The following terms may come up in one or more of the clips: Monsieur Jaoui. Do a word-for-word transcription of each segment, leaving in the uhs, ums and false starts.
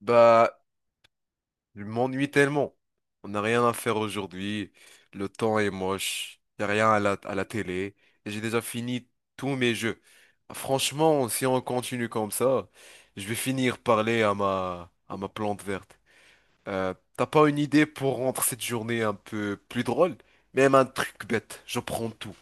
Bah, je m'ennuie tellement. On n'a rien à faire aujourd'hui. Le temps est moche. Y a rien à la, à la télé. Et j'ai déjà fini tous mes jeux. Franchement, si on continue comme ça, je vais finir parler à ma, à ma plante verte. Euh, t'as pas une idée pour rendre cette journée un peu plus drôle? Même un truc bête. Je prends tout.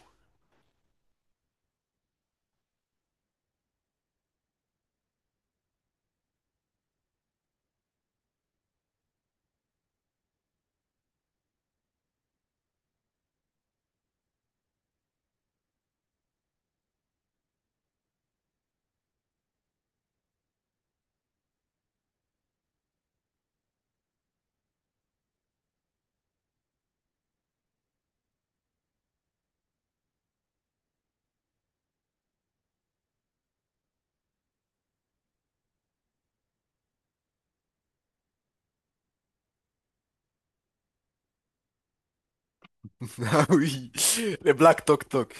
Ah oui, les Black Tok Tok.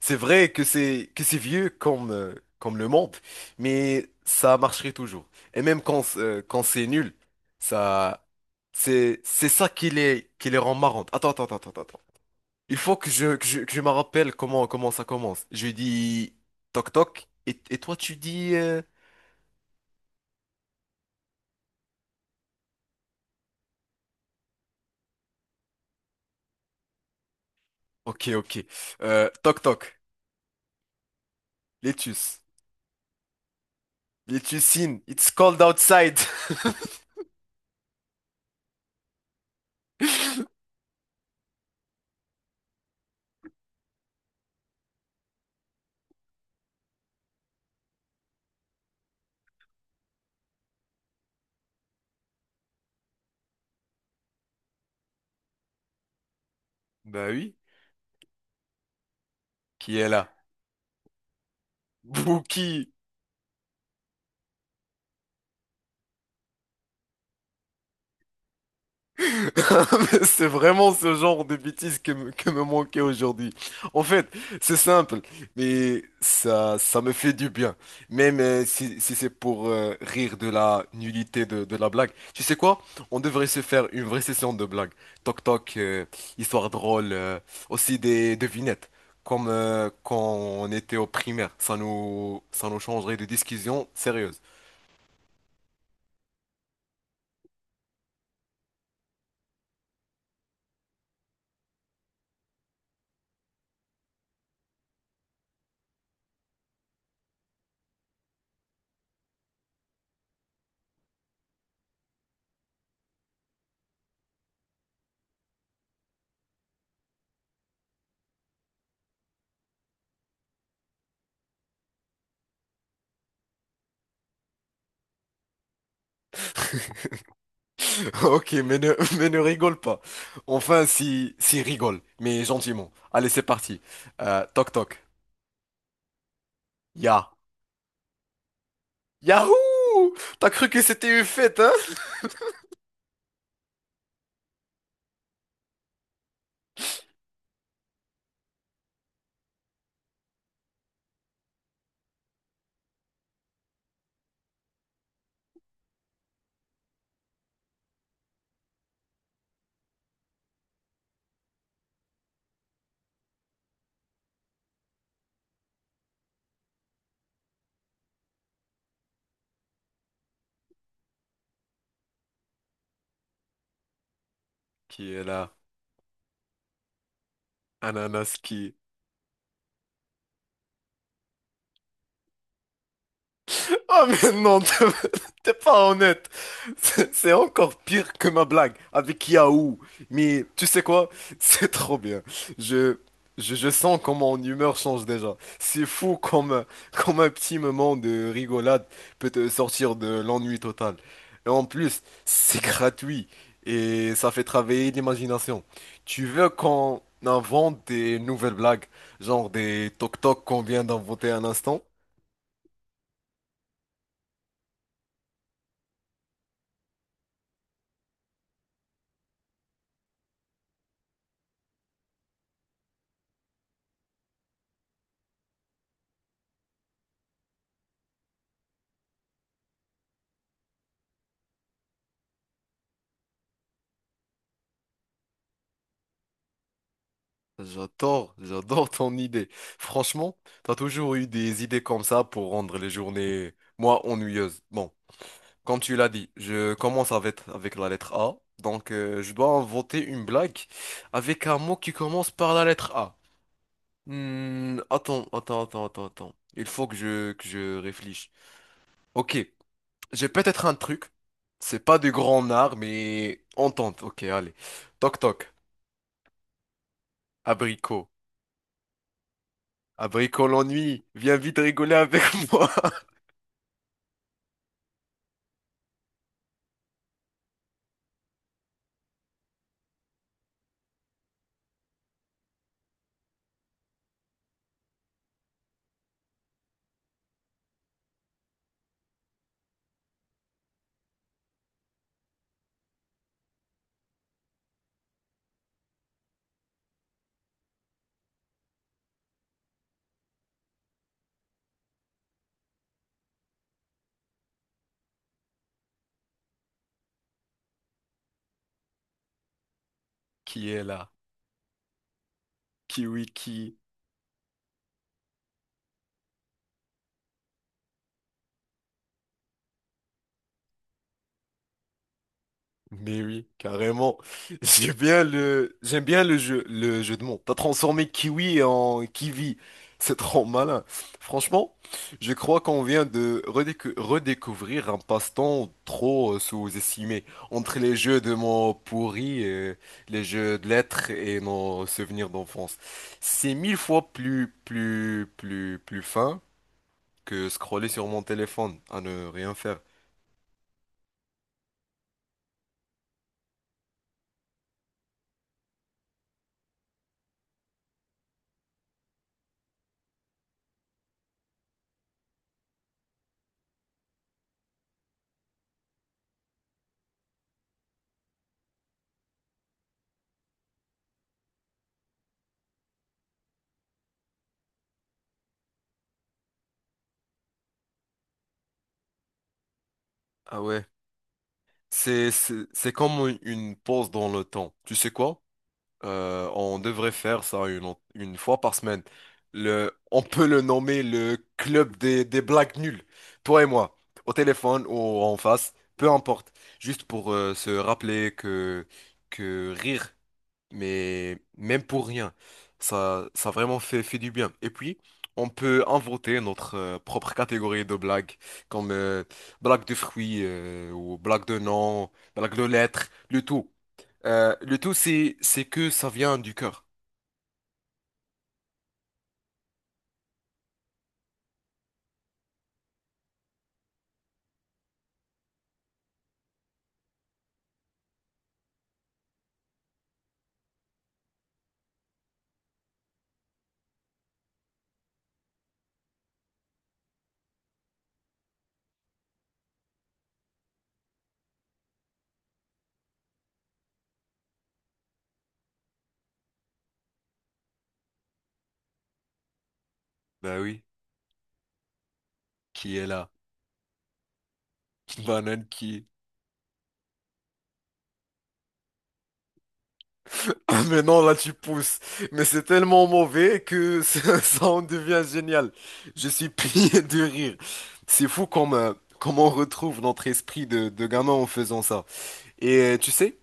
C'est vrai que c'est que c'est vieux comme euh, comme le monde, mais ça marcherait toujours. Et même quand euh, quand c'est nul, ça c'est c'est ça qui les qui les rend marrantes. Attends attends attends attends attends. Il faut que je que je, que je me rappelle comment comment ça commence. Je dis toc toc et, et toi tu dis euh, ok ok euh, toc toc. Letus. Letusine it's cold outside. Bah oui, qui est là? Bouki. C'est vraiment ce genre de bêtises que, me- que me manquait aujourd'hui. En fait, c'est simple, mais ça, ça me fait du bien. Même euh, si, si c'est pour euh, rire de la nullité de, de la blague. Tu sais quoi? On devrait se faire une vraie session de blagues. Toc toc, euh, histoire drôle, euh, aussi des devinettes. Comme euh, quand on était au primaire, ça nous, ça nous changerait de discussion sérieuse. Ok, mais ne, mais ne rigole pas. Enfin, si, si rigole, mais gentiment. Allez, c'est parti. Euh, toc toc. Ya. Yahoo! T'as cru que c'était une fête, hein? Qui est là? Ananas qui? Oh mais non, t'es t'es pas honnête. C'est c'est encore pire que ma blague avec Yahoo. Mais tu sais quoi? C'est trop bien. Je, je, je sens comment mon humeur change déjà. C'est fou comme, comme un petit moment de rigolade peut te sortir de l'ennui total. Et en plus, c'est gratuit et ça fait travailler l'imagination. Tu veux qu'on invente des nouvelles blagues, genre des toc-toc qu'on vient d'inventer un instant? J'adore, j'adore ton idée. Franchement, t'as toujours eu des idées comme ça pour rendre les journées, moi, ennuyeuses. Bon, comme tu l'as dit, je commence avec, avec la lettre A. Donc, euh, je dois inventer une blague avec un mot qui commence par la lettre A. Hmm, attends, attends, attends, attends, attends. Il faut que je, que je réfléchisse. Ok, j'ai peut-être un truc. C'est pas du grand art, mais on tente. Ok, allez. Toc toc. Abricot. Abricot l'ennui. Viens vite rigoler avec moi. Qui est là? Kiwi qui? Mais oui, carrément. J'aime bien le, j'aime bien le jeu, le jeu de mots. T'as transformé kiwi en kiwi. C'est trop malin. Franchement, je crois qu'on vient de redécou- redécouvrir un passe-temps trop euh, sous-estimé. Entre les jeux de mots pourris, euh, les jeux de lettres et nos souvenirs d'enfance. C'est mille fois plus, plus, plus, plus fin que scroller sur mon téléphone à ne rien faire. Ah ouais. C'est, c'est, c'est comme une pause dans le temps. Tu sais quoi? Euh, on devrait faire ça une, en- une fois par semaine. Le, on peut le nommer le club des, des blagues nulles. Toi et moi, au téléphone ou en face, peu importe. Juste pour euh, se rappeler que, que rire mais même pour rien, ça, ça vraiment fait, fait du bien. Et puis, on peut inventer notre euh, propre catégorie de blagues, comme euh, blague de fruits, euh, ou blague de noms, blague de lettres, le tout. Euh, le tout, c'est, c'est que ça vient du cœur. Bah oui, qui est là? Une banane qui, ah, mais non, là tu pousses. Mais c'est tellement mauvais que ça, ça en devient génial. Je suis plié de rire. C'est fou comme, euh, comme on retrouve notre esprit de, de gamin en faisant ça. Et euh, tu sais,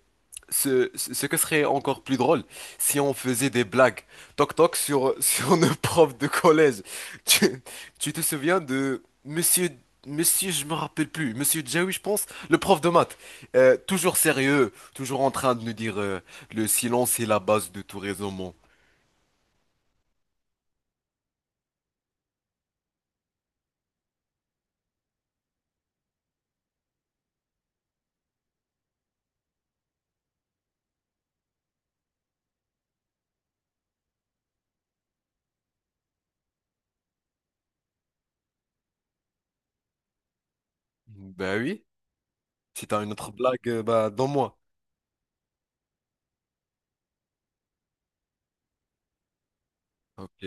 ce, ce que serait encore plus drôle, si on faisait des blagues. Toc toc sur, sur nos profs de collège. Tu, tu te souviens de Monsieur, Monsieur, je me rappelle plus, Monsieur Jaoui, je pense, le prof de maths. Euh, toujours sérieux, toujours en train de nous dire euh, le silence est la base de tout raisonnement. Ben oui, si t'as une autre blague, euh, bah donne-moi. Ok,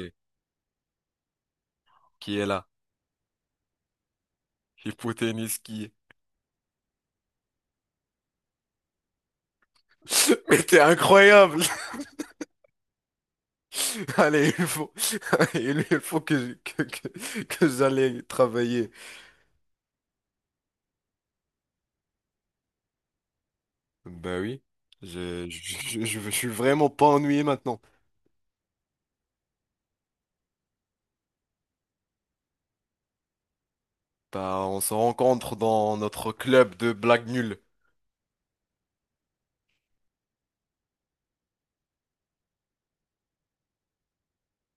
qui est là? Hypoténuse qui. Mais t'es incroyable! Allez, il faut, il il faut que, je- que, que, que j'aille travailler. Ben oui, je, je, je, je suis vraiment pas ennuyé maintenant. Bah, on se rencontre dans notre club de blagues nulles.